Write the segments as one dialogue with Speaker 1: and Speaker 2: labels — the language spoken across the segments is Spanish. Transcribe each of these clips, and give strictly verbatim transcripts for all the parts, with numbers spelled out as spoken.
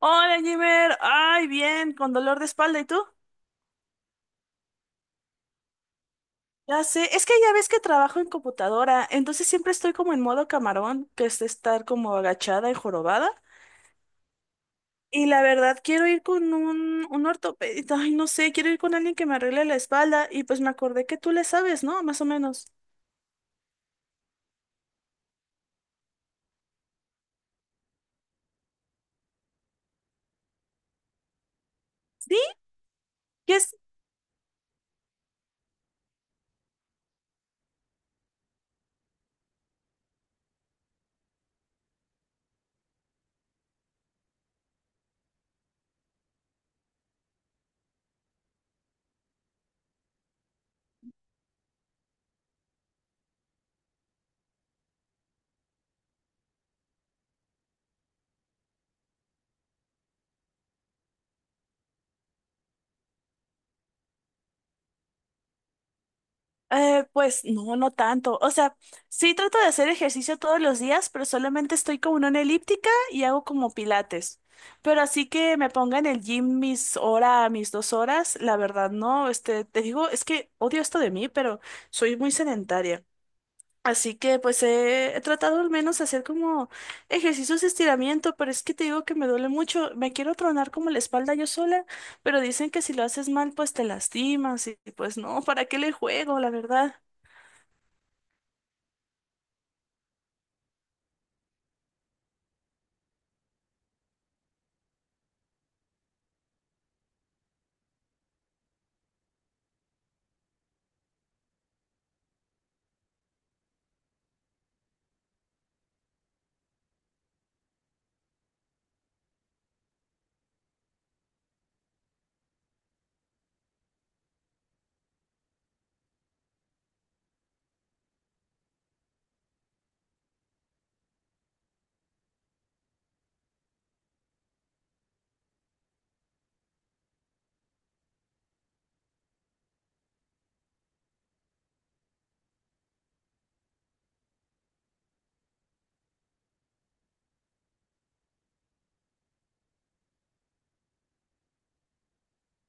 Speaker 1: Hola, Jimmer. Ay, bien, con dolor de espalda. ¿Y tú? Ya sé. Es que ya ves que trabajo en computadora, entonces siempre estoy como en modo camarón, que es estar como agachada y jorobada. Y la verdad, quiero ir con un, un ortopedista. Ay, no sé, quiero ir con alguien que me arregle la espalda. Y pues me acordé que tú le sabes, ¿no? Más o menos. ¿Sí? ¿Qué? Eh, pues no, no tanto. O sea, sí trato de hacer ejercicio todos los días, pero solamente estoy como en una elíptica y hago como pilates. Pero así que me ponga en el gym mis hora, mis dos horas, la verdad no. Este, te digo, es que odio esto de mí, pero soy muy sedentaria. Así que pues he, he tratado al menos hacer como ejercicios de estiramiento, pero es que te digo que me duele mucho. Me quiero tronar como la espalda yo sola, pero dicen que si lo haces mal, pues te lastimas y pues no, ¿para qué le juego, la verdad?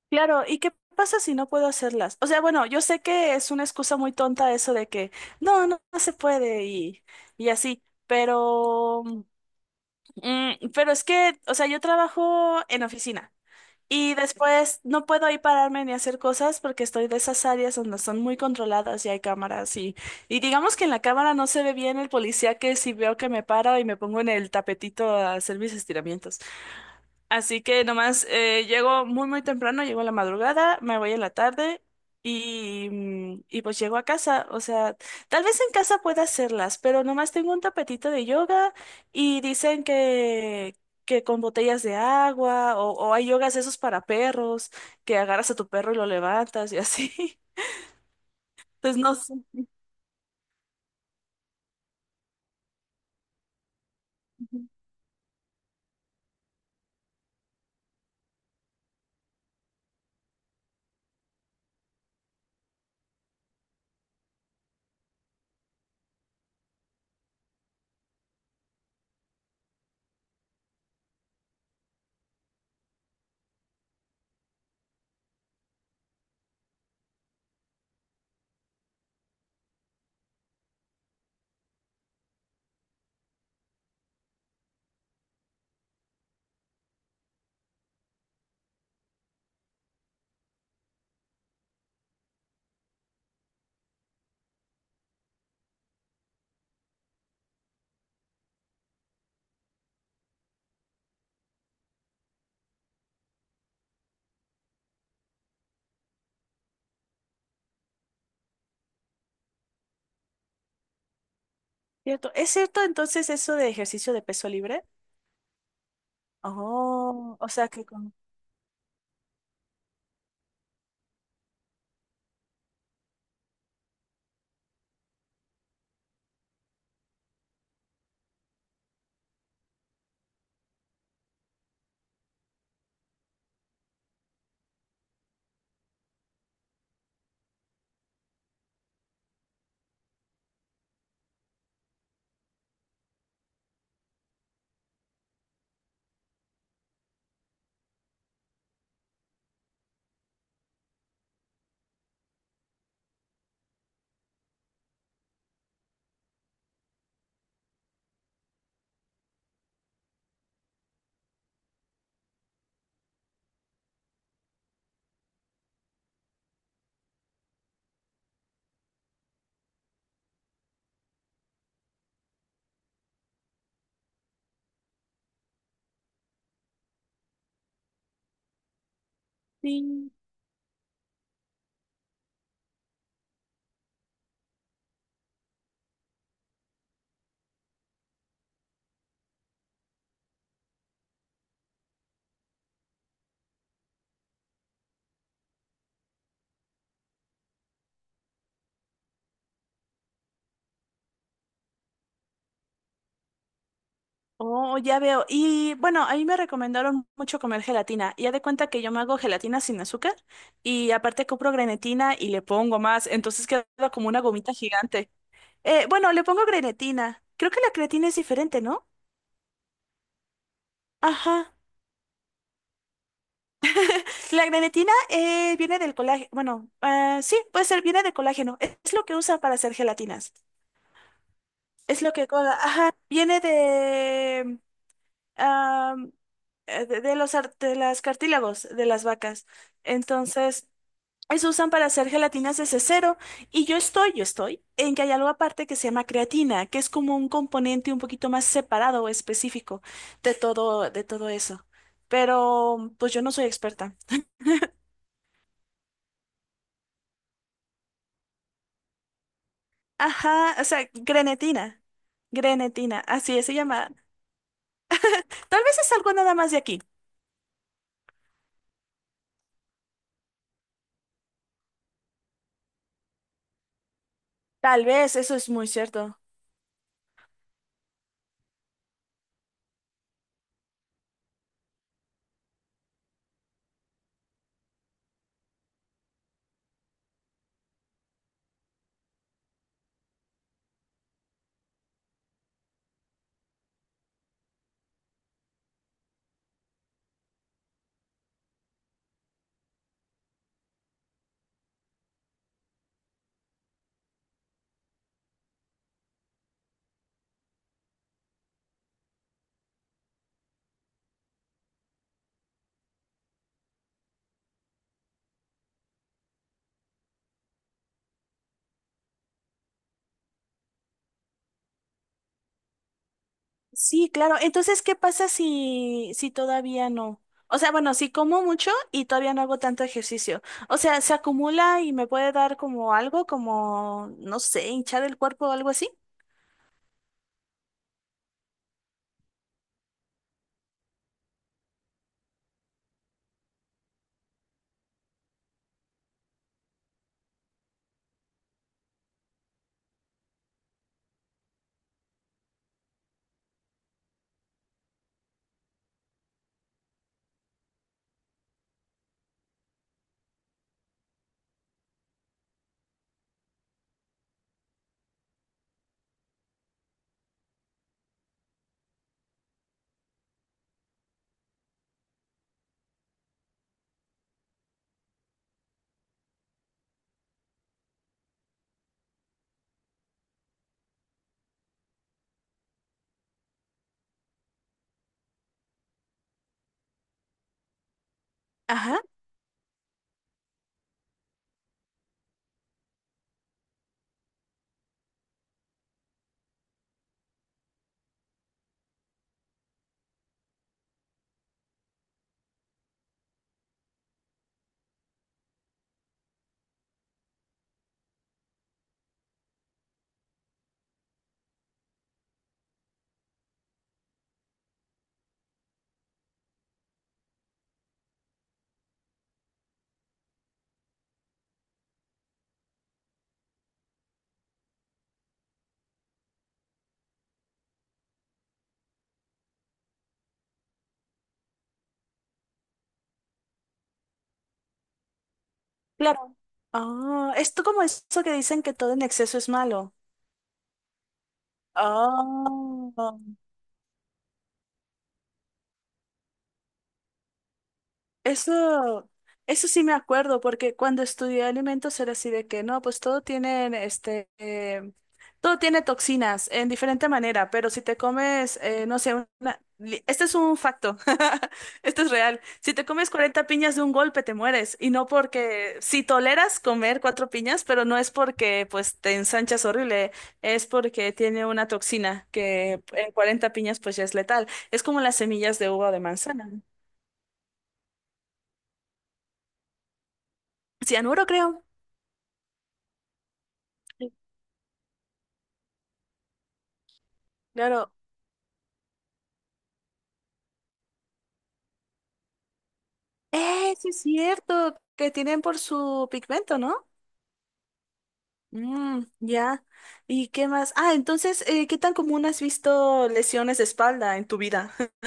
Speaker 1: Claro, ¿y qué pasa si no puedo hacerlas? O sea, bueno, yo sé que es una excusa muy tonta eso de que no, no, no se puede y, y así, pero, mm, pero es que, o sea, yo trabajo en oficina y después no puedo ahí pararme ni hacer cosas porque estoy de esas áreas donde son muy controladas y hay cámaras y, y digamos que en la cámara no se ve bien el policía que si veo que me paro y me pongo en el tapetito a hacer mis estiramientos. Así que nomás eh, llego muy muy temprano, llego a la madrugada, me voy en la tarde y, mm, y pues llego a casa. O sea, tal vez en casa pueda hacerlas, pero nomás tengo un tapetito de yoga y dicen que, que con botellas de agua o, o hay yogas esos para perros, que agarras a tu perro y lo levantas y así. Entonces no sé. ¿Cierto? ¿Es cierto entonces eso de ejercicio de peso libre? Oh, o sea que con... Sí. Oh, ya veo. Y bueno, a mí me recomendaron mucho comer gelatina. Ya de cuenta que yo me hago gelatina sin azúcar y aparte compro grenetina y le pongo más, entonces queda como una gomita gigante. Eh, bueno, le pongo grenetina. Creo que la creatina es diferente, ¿no? Ajá. La grenetina eh, viene del colágeno. Bueno, ah, sí, puede ser, viene del colágeno. Es es lo que usan para hacer gelatinas. Es lo que cola. Ajá. Viene de, ah, eh, de, de los ar- de las cartílagos de las vacas. Entonces, se usan para hacer gelatinas desde cero. Y yo estoy, yo estoy, en que hay algo aparte que se llama creatina, que es como un componente un poquito más separado o específico de todo, de todo eso. Pero pues yo no soy experta. Ajá, o sea, grenetina. Grenetina, así es, se llama. Tal vez es algo nada más de aquí. Tal vez, eso es muy cierto. Sí, claro. Entonces, ¿qué pasa si, si todavía no? O sea, bueno, si como mucho y todavía no hago tanto ejercicio. O sea, ¿se acumula y me puede dar como algo, como, no sé, hinchar el cuerpo o algo así? Ajá, claro. Ah, esto como eso que dicen que todo en exceso es malo. Oh. Eso, eso sí me acuerdo, porque cuando estudié alimentos era así de que no, pues todo tiene este, eh, todo tiene toxinas en diferente manera, pero si te comes, eh, no sé, una, li- este es un facto, esto es real. Si te comes cuarenta piñas de un golpe te mueres, y no porque, si toleras comer cuatro piñas, pero no es porque pues te ensanchas horrible, es porque tiene una toxina que en cuarenta piñas pues ya es letal. Es como las semillas de uva o de manzana. Cianuro, creo. Claro. ¡Eh, sí es cierto! Que tienen por su pigmento, ¿no? Mm, ya. ¿Y qué más? Ah, entonces, eh, ¿qué tan común has visto lesiones de espalda en tu vida?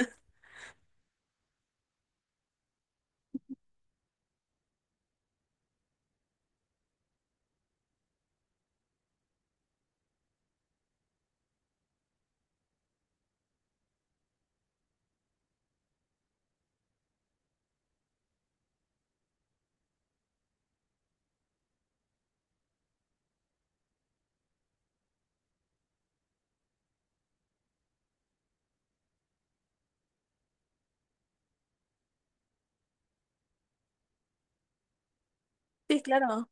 Speaker 1: Sí, claro.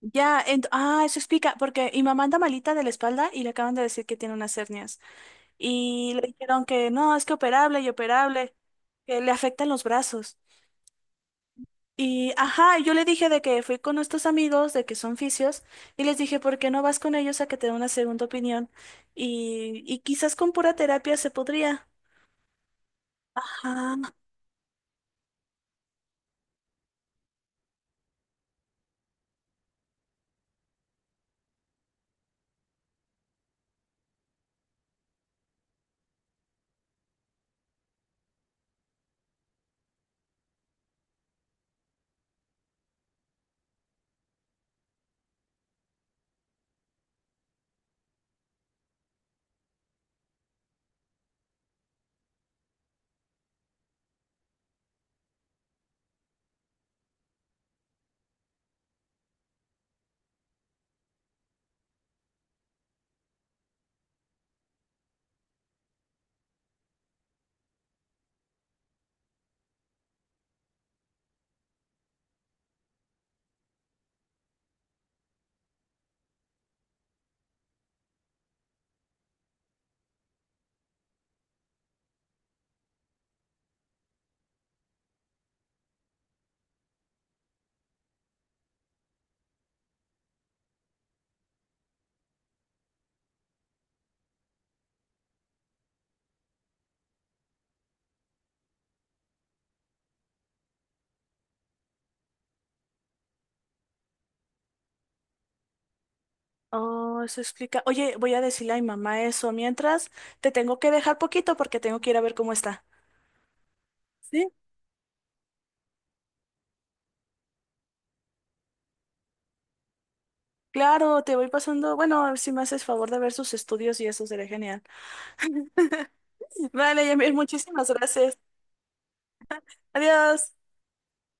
Speaker 1: Ya, ent- ah, eso explica, porque mi mamá anda malita de la espalda y le acaban de decir que tiene unas hernias. Y le dijeron que no, es que operable y operable, que le afectan los brazos. Y, ajá, yo le dije de que fui con estos amigos, de que son fisios, y les dije, ¿por qué no vas con ellos a que te den una segunda opinión? Y, y quizás con pura terapia se podría. Ajá. Oh, eso explica. Oye, voy a decirle a mi mamá eso. Mientras, te tengo que dejar poquito porque tengo que ir a ver cómo está. Sí, claro, te voy pasando. Bueno, si me haces favor de ver sus estudios y eso sería genial. Vale, Yamil, muchísimas gracias. Adiós.